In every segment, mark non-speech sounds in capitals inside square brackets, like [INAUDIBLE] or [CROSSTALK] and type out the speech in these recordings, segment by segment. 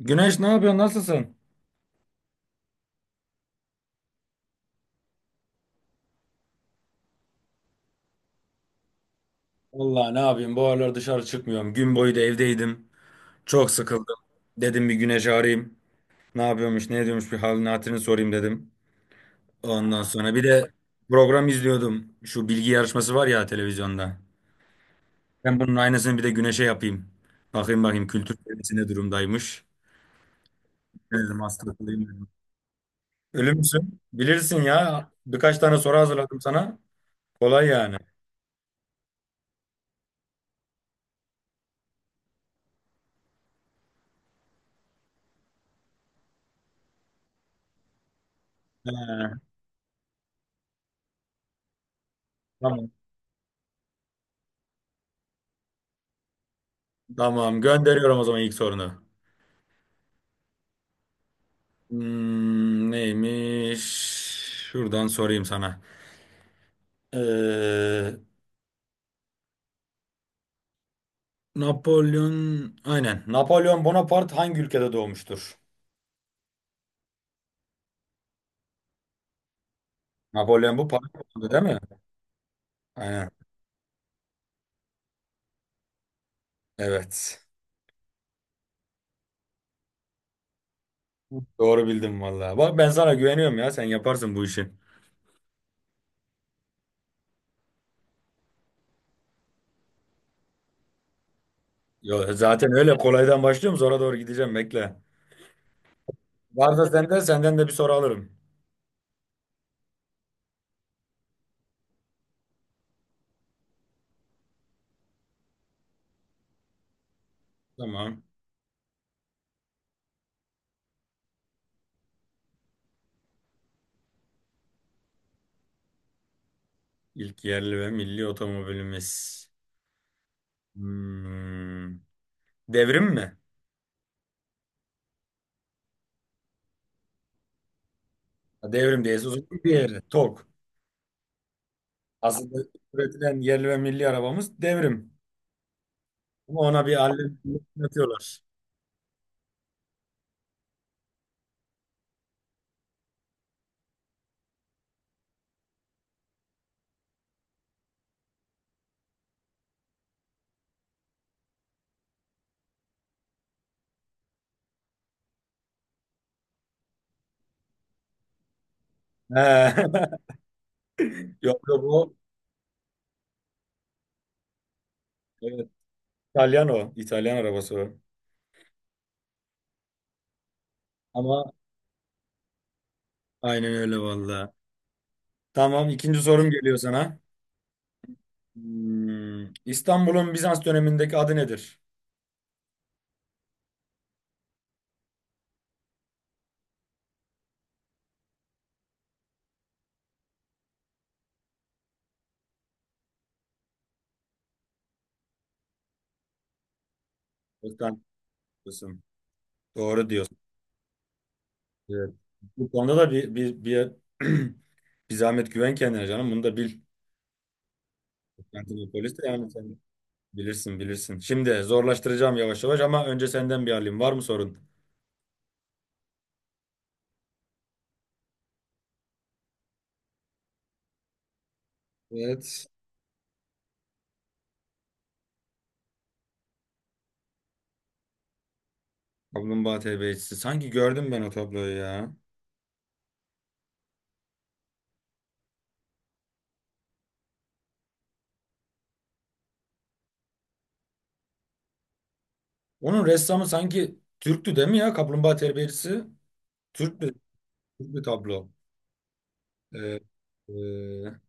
Güneş, ne yapıyorsun? Nasılsın? Vallahi ne yapayım? Bu aralar dışarı çıkmıyorum. Gün boyu da evdeydim. Çok sıkıldım. Dedim bir Güneş'i arayayım. Ne yapıyormuş, ne ediyormuş bir halini hatırını sorayım dedim. Ondan sonra bir de program izliyordum. Şu bilgi yarışması var ya televizyonda. Ben bunun aynısını bir de Güneş'e yapayım. Bakayım bakayım kültür seviyesi ne durumdaymış. Dedim hasta kılayım dedim. Ölü müsün? Bilirsin ya. Birkaç tane soru hazırladım sana. Kolay yani. He, tamam. Tamam. Gönderiyorum o zaman ilk sorunu. Neymiş? Şuradan sorayım sana. Ee, Napolyon, aynen. Napolyon Bonaparte hangi ülkede doğmuştur? Napolyon bu Paris'te değil mi? Aynen. Evet. Doğru bildim vallahi. Bak ben sana güveniyorum ya. Sen yaparsın bu işi. Yo, zaten öyle kolaydan başlıyorum. Sonra doğru gideceğim. Bekle. Varsa sende, senden de bir soru alırım. Tamam. İlk yerli ve milli otomobilimiz. Hmm. Devrim mi? Devrim diye uzun bir yeri. Tok. Aslında üretilen yerli ve milli arabamız devrim. Ama ona bir allem atıyorlar. He. [LAUGHS] Yok, yok o. Evet, İtalyan o. İtalyan arabası o. Ama aynen öyle valla. Tamam, ikinci sorum geliyor sana. İstanbul'un Bizans dönemindeki adı nedir? Sultan diyorsun. Doğru diyorsun. Evet. Bu konuda da [CLEARS THROAT] bir zahmet güven kendine canım. Bunu da bil. Konstantinopolis de yani. Sen bilirsin bilirsin. Şimdi zorlaştıracağım yavaş yavaş, ama önce senden bir alayım. Var mı sorun? Evet. Kaplumbağa terbiyecisi. Sanki gördüm ben o tabloyu ya. Onun ressamı sanki Türktü değil mi ya? Kaplumbağa terbiyecisi. Türk bir, Türk bir tablo. Ee, e,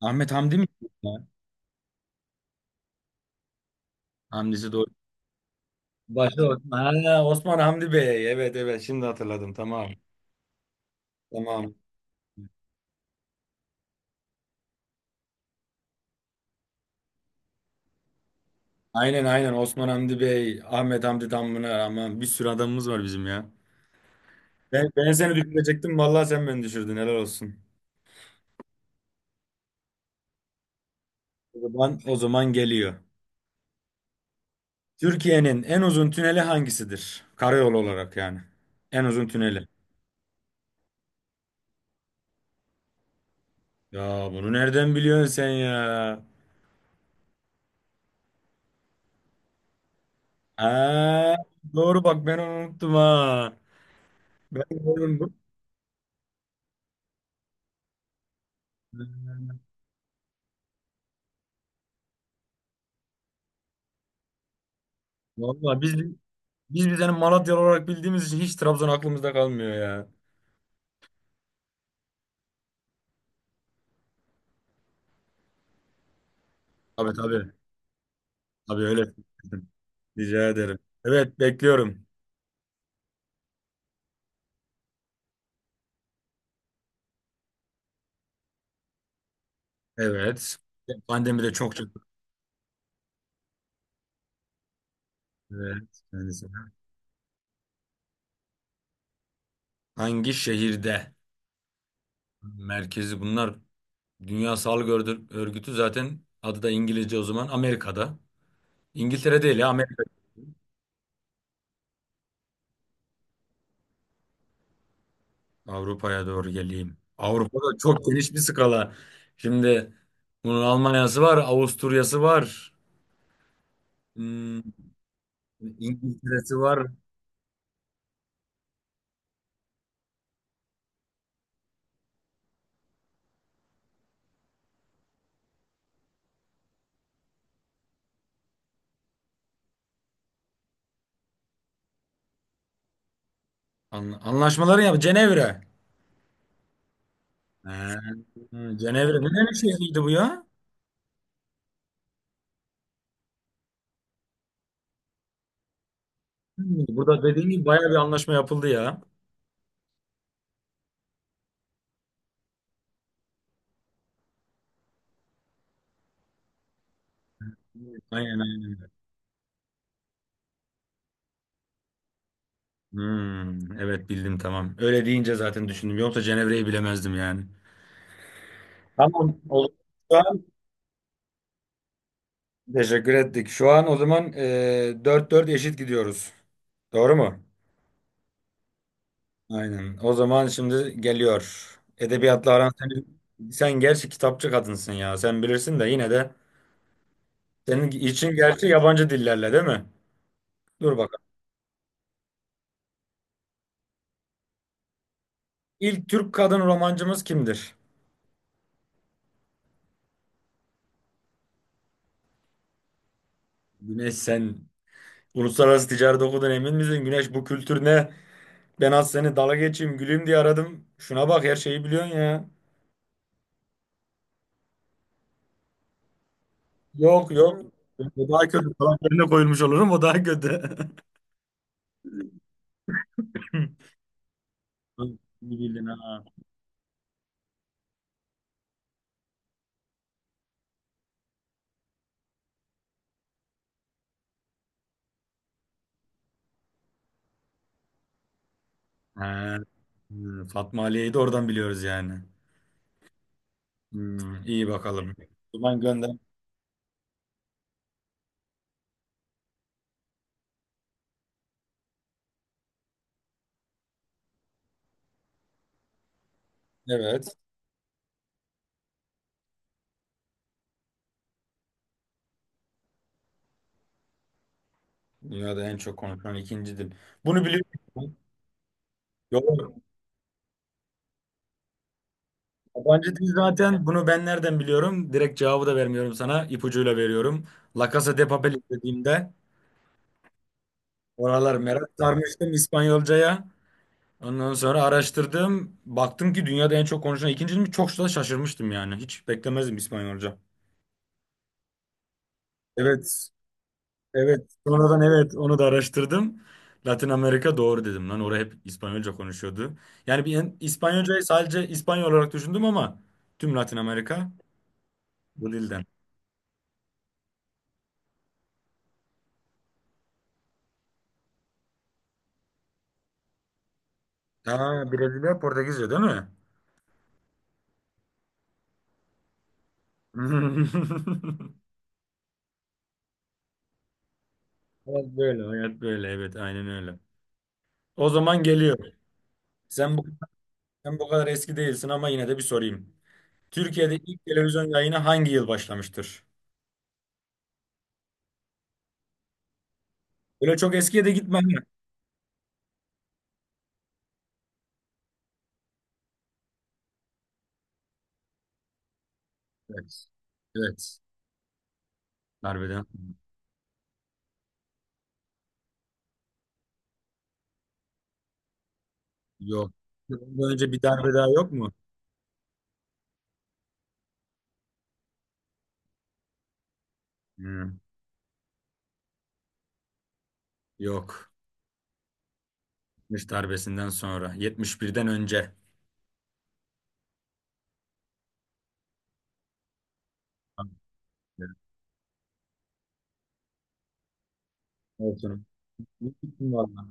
Ahmet Hamdi mi? Ya? Hamdi'si doğru. Başı Osman. Ha, Osman Hamdi Bey. Evet, evet, şimdi hatırladım. Tamam. Tamam. Aynen aynen Osman Hamdi Bey. Ahmet Hamdi Tanpınar. Aman bir sürü adamımız var bizim ya. Ben seni düşürecektim. Vallahi sen beni düşürdün. Helal olsun. O zaman geliyor. Türkiye'nin en uzun tüneli hangisidir? Karayolu olarak yani. En uzun tüneli. Ya bunu nereden biliyorsun sen ya? Ha, doğru, bak ben onu unuttum ha. Ben bunu vallahi biz hani Malatyalı olarak bildiğimiz için hiç Trabzon aklımızda kalmıyor ya. Tabii tabii. Tabii öyle. Rica ederim. Evet, bekliyorum. Evet. Pandemi de çok çok. Evet, kendisi. Hangi şehirde? Merkezi bunlar. Dünya Örgütü, zaten adı da İngilizce, o zaman Amerika'da. İngiltere değil ya, Amerika. Avrupa'ya doğru geleyim. Avrupa'da çok geniş bir skala. Şimdi bunun Almanya'sı var, Avusturya'sı var. Hmm, İngiltere'si var. Anlaşmaları yap. Cenevre. Ha, Cenevre. Ne şehriydi bu ya? Burada dediğim gibi bayağı bir anlaşma yapıldı ya. Aynen aynen. Evet, bildim, tamam. Öyle deyince zaten düşündüm. Yoksa Cenevre'yi bilemezdim yani. Tamam. Olur. Şu an teşekkür ettik. Şu an o zaman dört 4 eşit gidiyoruz. Doğru mu? Aynen. O zaman şimdi geliyor. Edebiyatla aran sen, sen gerçi kitapçı kadınsın ya. Sen bilirsin de yine de senin için gerçi yabancı dillerle, değil mi? Dur bakalım. İlk Türk kadın romancımız kimdir? Güneş, sen uluslararası ticaret okudun, emin misin? Güneş, bu kültür ne? Ben az seni dala geçeyim güleyim diye aradım. Şuna bak, her şeyi biliyorsun ya. Yok, yok. O daha kötü falan yerine koyulmuş olurum, o daha kötü. [LAUGHS] İyi bildin ha. Ha. Fatma Aliye'yi de oradan biliyoruz yani. İyi bakalım. Ulan gönder. Evet. Dünyada en çok konuşulan ikinci dil. Bunu biliyorsun. Yok. Yabancı dil zaten, bunu ben nereden biliyorum? Direkt cevabı da vermiyorum sana. İpucuyla veriyorum. La Casa de Papel izlediğimde oralar, merak sarmıştım İspanyolcaya. Ondan sonra araştırdım. Baktım ki dünyada en çok konuşulan ikinciymiş. Çok da şaşırmıştım yani. Hiç beklemezdim İspanyolca. Evet. Evet. Sonradan, evet, onu da araştırdım. Latin Amerika, doğru dedim lan. Orada hep İspanyolca konuşuyordu. Yani bir İspanyolcayı sadece İspanyol olarak düşündüm, ama tüm Latin Amerika bu dilden. Ha, Brezilya Portekizce değil mi? [LAUGHS] Hayat böyle, hayat böyle. Evet, aynen öyle. O zaman geliyor. Sen bu, sen bu kadar eski değilsin, ama yine de bir sorayım. Türkiye'de ilk televizyon yayını hangi yıl başlamıştır? Öyle çok eskiye de gitmem ya. Evet. Evet. Darbeden sonra. Yok. Ondan önce bir darbe daha yok mu? Hmm, Yok. 70 darbesinden sonra. 71'den önce. Evet. Olsun. İyi gittin valla.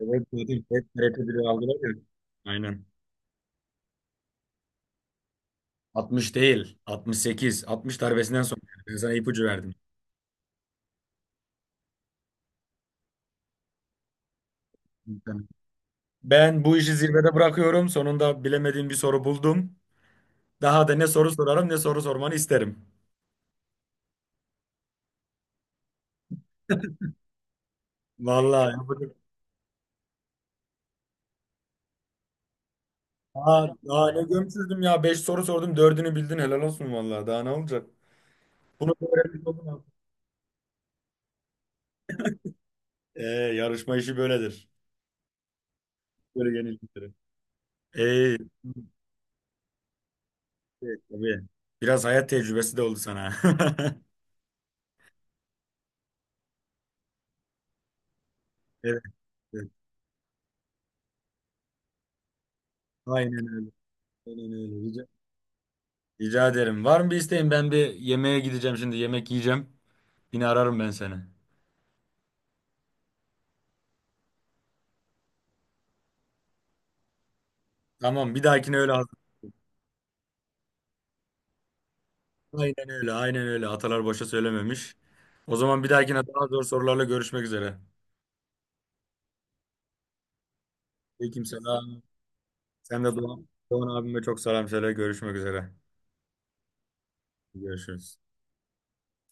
Evet dedim. Hep TRT biri aldılar ya. Aynen. 60 değil. 68. 60 darbesinden sonra. Ben sana ipucu verdim. Ben bu işi zirvede bırakıyorum. Sonunda bilemediğim bir soru buldum. Daha da ne soru sorarım, ne soru sormanı isterim. Vallahi yapacak. Daha ne gömsüzdüm ya. Beş soru sordum, dördünü bildin, helal olsun vallahi. Daha ne olacak? Bunu da öğrenmiş oldun abi. Ee, yarışma işi böyledir. Böyle yenilgileri. Ee, evet, tabii. Biraz hayat tecrübesi de oldu sana. [LAUGHS] Evet, evet. Aynen öyle. Aynen öyle. Rica ederim. Var mı bir isteğin? Ben bir yemeğe gideceğim şimdi. Yemek yiyeceğim. Yine ararım ben seni. Tamam, bir dahakine öyle. Aynen öyle, aynen öyle. Atalar boşa söylememiş. O zaman bir dahakine daha zor sorularla görüşmek üzere. Aleykümselam. Sen de Doğan abime çok selam söyle. Görüşmek üzere. Görüşürüz.